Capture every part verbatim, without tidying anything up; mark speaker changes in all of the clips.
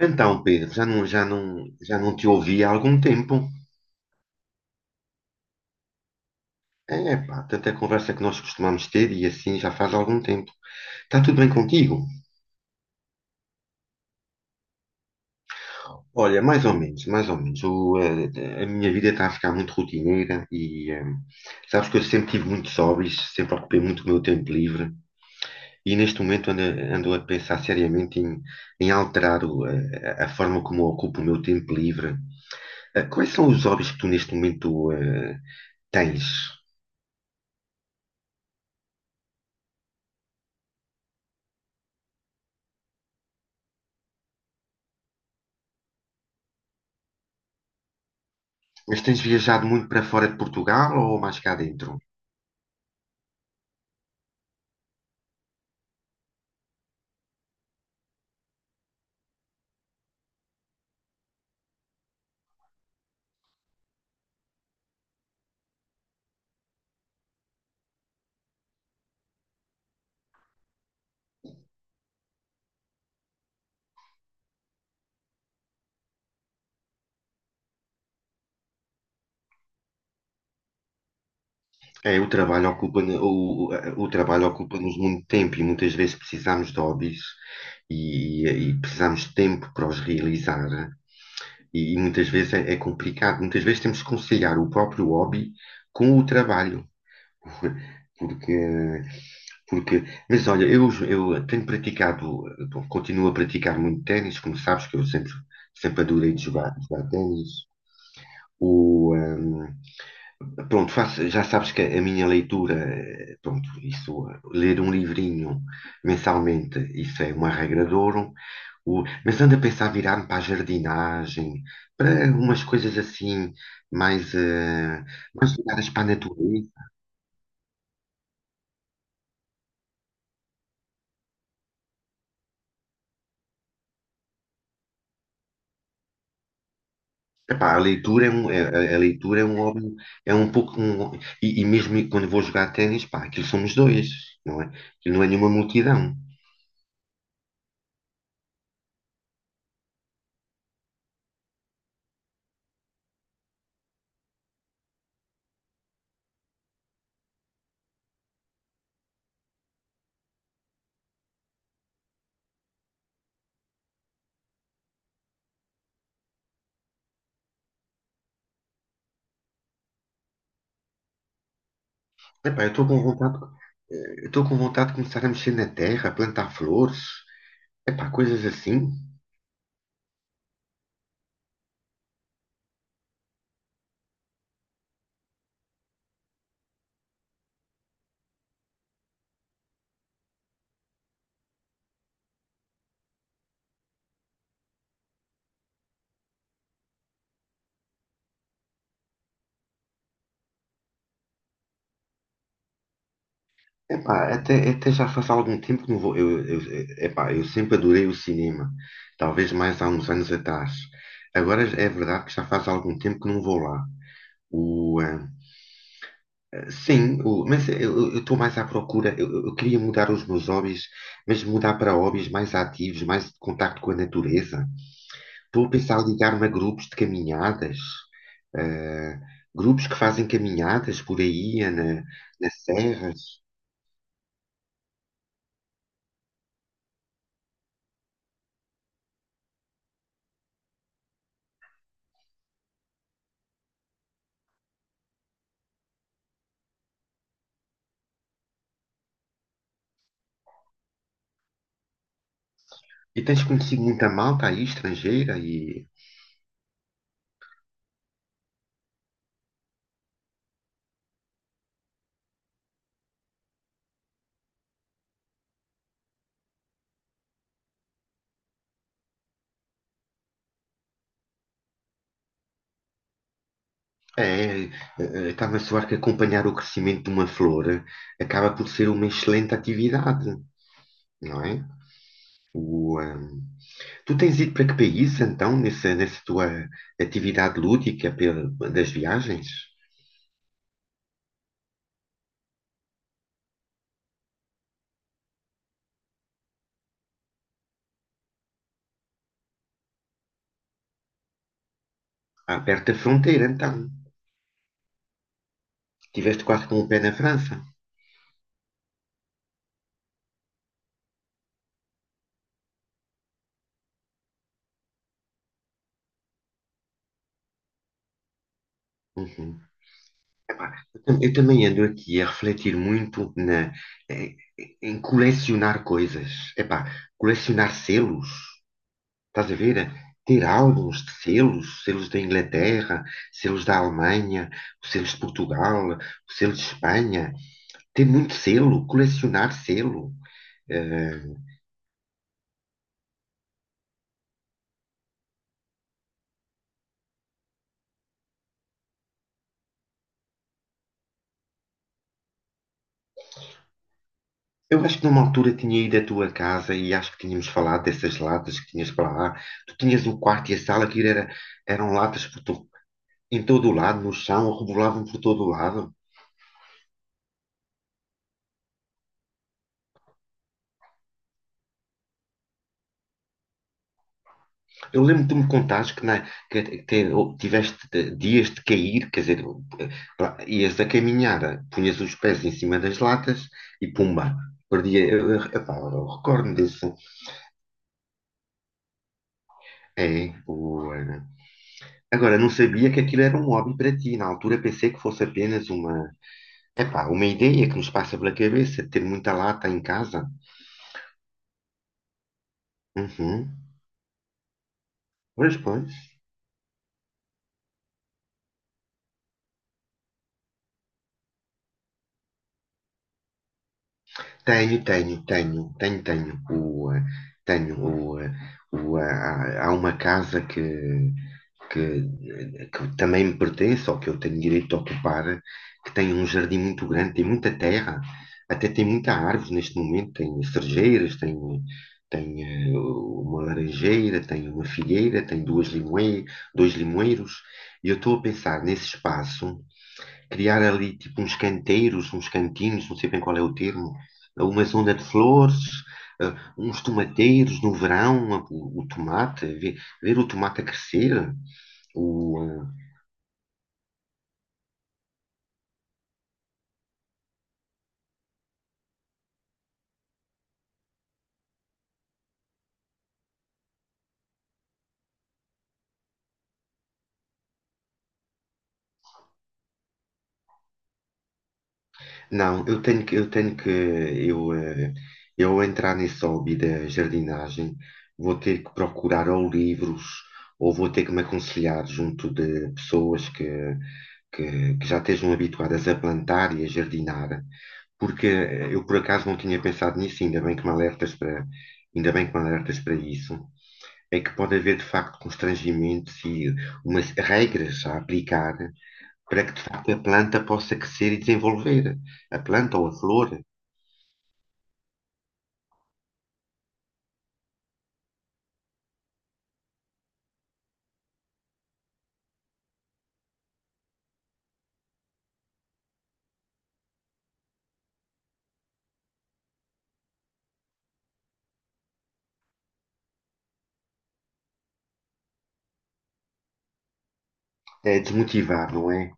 Speaker 1: Então, Pedro, já não, já não, já não te ouvi há algum tempo. É, pá, tanta conversa que nós costumamos ter e assim já faz algum tempo. Está tudo bem contigo? Olha, mais ou menos, mais ou menos. O, eh, a, minha vida está a ficar muito rotineira e eh, sabes que eu sempre tive muitos hobbies, sempre ocupei muito o meu tempo livre e neste momento ando, ando a pensar seriamente em, em alterar o, eh, a, forma como eu ocupo o meu tempo livre. Eh, quais são os hobbies que tu neste momento eh, tens? Mas tens viajado muito para fora de Portugal ou mais cá dentro? É, o trabalho ocupa, o, o trabalho ocupa-nos muito tempo e muitas vezes precisamos de hobbies e, e precisamos de tempo para os realizar. E, e muitas vezes é, é complicado. Muitas vezes temos que conciliar o próprio hobby com o trabalho. Porque, porque, mas olha, eu, eu tenho praticado, bom, continuo a praticar muito ténis, como sabes, que eu sempre, sempre adorei de jogar, jogar ténis. O, hum, Pronto, faço- já sabes que a minha leitura, eh, pronto, isso, eh, ler um livrinho mensalmente, isso é uma regra de ouro. O, mas ando a pensar virar-me para a jardinagem, para umas coisas assim, mais, eh, mais ligadas para a natureza. Epá, a leitura é um, é- a, a leitura é um hobby, é um pouco um, e, e mesmo quando vou jogar ténis, pá, aquilo somos dois, não é? Aquilo não é nenhuma multidão. Epá, eu estou com vontade, eu estou com vontade de começar a mexer na terra, plantar flores, epá, coisas assim. Epá, até, até já faz algum tempo que não vou. Eu, eu, epá, eu sempre adorei o cinema, talvez mais há uns anos atrás. Agora é verdade que já faz algum tempo que não vou lá. O, eh, Sim, o- mas eu estou mais à procura. Eu, eu- eu queria mudar os meus hobbies, mas mudar para hobbies mais ativos, mais de contacto com a natureza. Estou a pensar em ligar-me a grupos de caminhadas, eh, grupos que fazem caminhadas por aí, eh, na, nas serras. E tens conhecido muita malta aí, estrangeira, e é, eh, eh, está-me a soar que acompanhar o crescimento de uma flor acaba por ser uma excelente atividade, não é? Tu tens ido para que país, então, nessa, nessa tua atividade lúdica pela- das viagens? Ah, perto da fronteira, então. Tiveste quase com o pé na França. Uhum. Epá, Eu tam- eu também ando aqui a refletir muito na, eh, em colecionar coisas. Epá, colecionar selos, estás a ver? Ter álbuns de selos, selos da Inglaterra, selos da Alemanha, selos de Portugal, selos de Espanha. Tem muito selo, colecionar selo. Eh, eu acho que numa altura tinha ido à tua casa e acho que tínhamos falado dessas latas que tinhas para lá. Tu tinhas o quarto e a sala que era, eram latas por to- em todo o lado, no chão, rebolavam por todo o lado. Eu lembro que tu me contaste que, na, que te- tiveste de- dias de cair, quer dizer, eh, lá- ias a caminhar, eh, punhas os pés em cima das latas e pumba, perdia. Eu, eu, epá, eu recordo-me disso. É, o, eh, Agora, não sabia que aquilo era um hobby para ti. Na altura pensei que fosse apenas uma, epá, uma ideia que nos passa pela cabeça, de ter muita lata em casa. Uhum. Pois, pois. Tenho, tenho, tenho, tenho, tenho. O, eh, tenho o, eh, o, ah, Há uma casa que, que, que também me pertence ou que eu tenho direito a ocupar, que tem um jardim muito grande, tem muita terra, até tem muita árvore neste momento, tem cerejeiras, tem, tem eh, uma laranjeira, tem uma figueira, tem duas limoe, dois limoeiros, e eu estou a pensar nesse espaço, criar ali tipo uns canteiros, uns cantinhos, não sei bem qual é o termo, uma zona de flores, eh, uns tomateiros no verão, o o tomate, ver, ver o tomate a crescer. o, Não, eu tenho que, eu tenho que, eu, eh, eu entrar nesse hobby da jardinagem, vou ter que procurar ou livros, ou vou ter que me aconselhar junto de pessoas que, que, que já estejam habituadas a plantar e a jardinar, porque eh, eu por acaso não tinha pensado nisso, ainda bem que me alertas para, ainda bem que me alertas para isso, é que pode haver de facto constrangimentos e umas regras a aplicar para que de facto a planta possa crescer e desenvolver a planta ou a flor. É desmotivar, não é?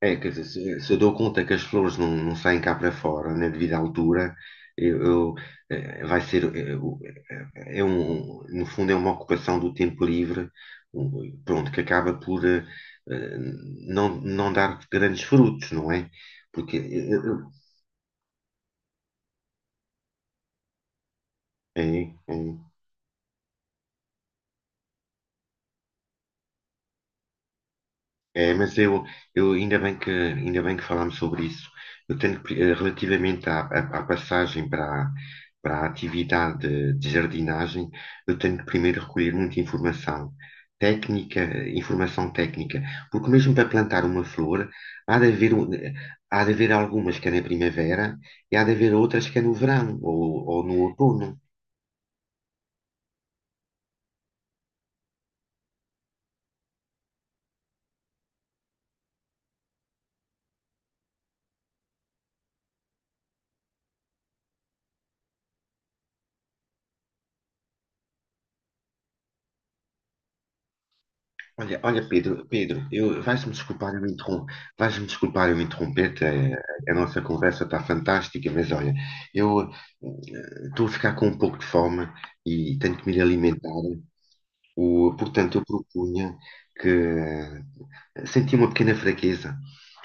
Speaker 1: É, quer dizer, se, se eu dou conta que as flores não, não saem cá para fora na devida altura, eu, eu, eh, vai ser, eh, o- eh, é um, no fundo é uma ocupação do tempo livre, um, pronto, que acaba por eh, eh, não, não dar grandes frutos, não é? Porque eh, eh, eh, É, é. É, mas eu, eu ainda bem que, ainda bem que falámos sobre isso. Eu tenho que, eh, relativamente à, à- à passagem para, a- para a atividade de jardinagem, eu tenho que primeiro recolher muita informação técnica, eh, informação técnica, porque mesmo para plantar uma flor, há de haver, um- eh, há de haver algumas que é na primavera e há de haver outras que é no verão ou, ou no outono. Olha, olha, Pedro, Pedro, eu vais-me desculpar eu interrom- vais-me desculpar eu interromper-te, a, a nossa conversa está fantástica, mas olha, eu eh, estou a ficar com um pouco de fome e tenho que me ir alimentar. O, portanto, eu propunha que eh, senti uma pequena fraqueza.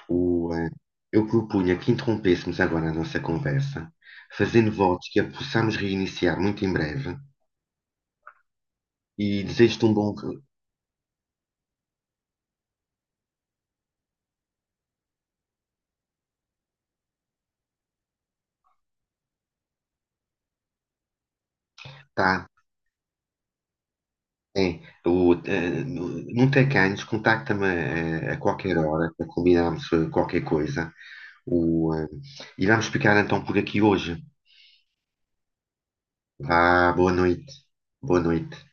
Speaker 1: O, eh, eu propunha que interrompêssemos agora a nossa conversa, fazendo votos que a possamos reiniciar muito em breve e desejo-te um bom. Tá, Sim, o, eh, no- não tem ganhos, contacta-me eh, a qualquer hora para combinarmos eh, qualquer coisa. O, eh, e vamos ficar então por aqui hoje. Vá, boa noite. Boa noite.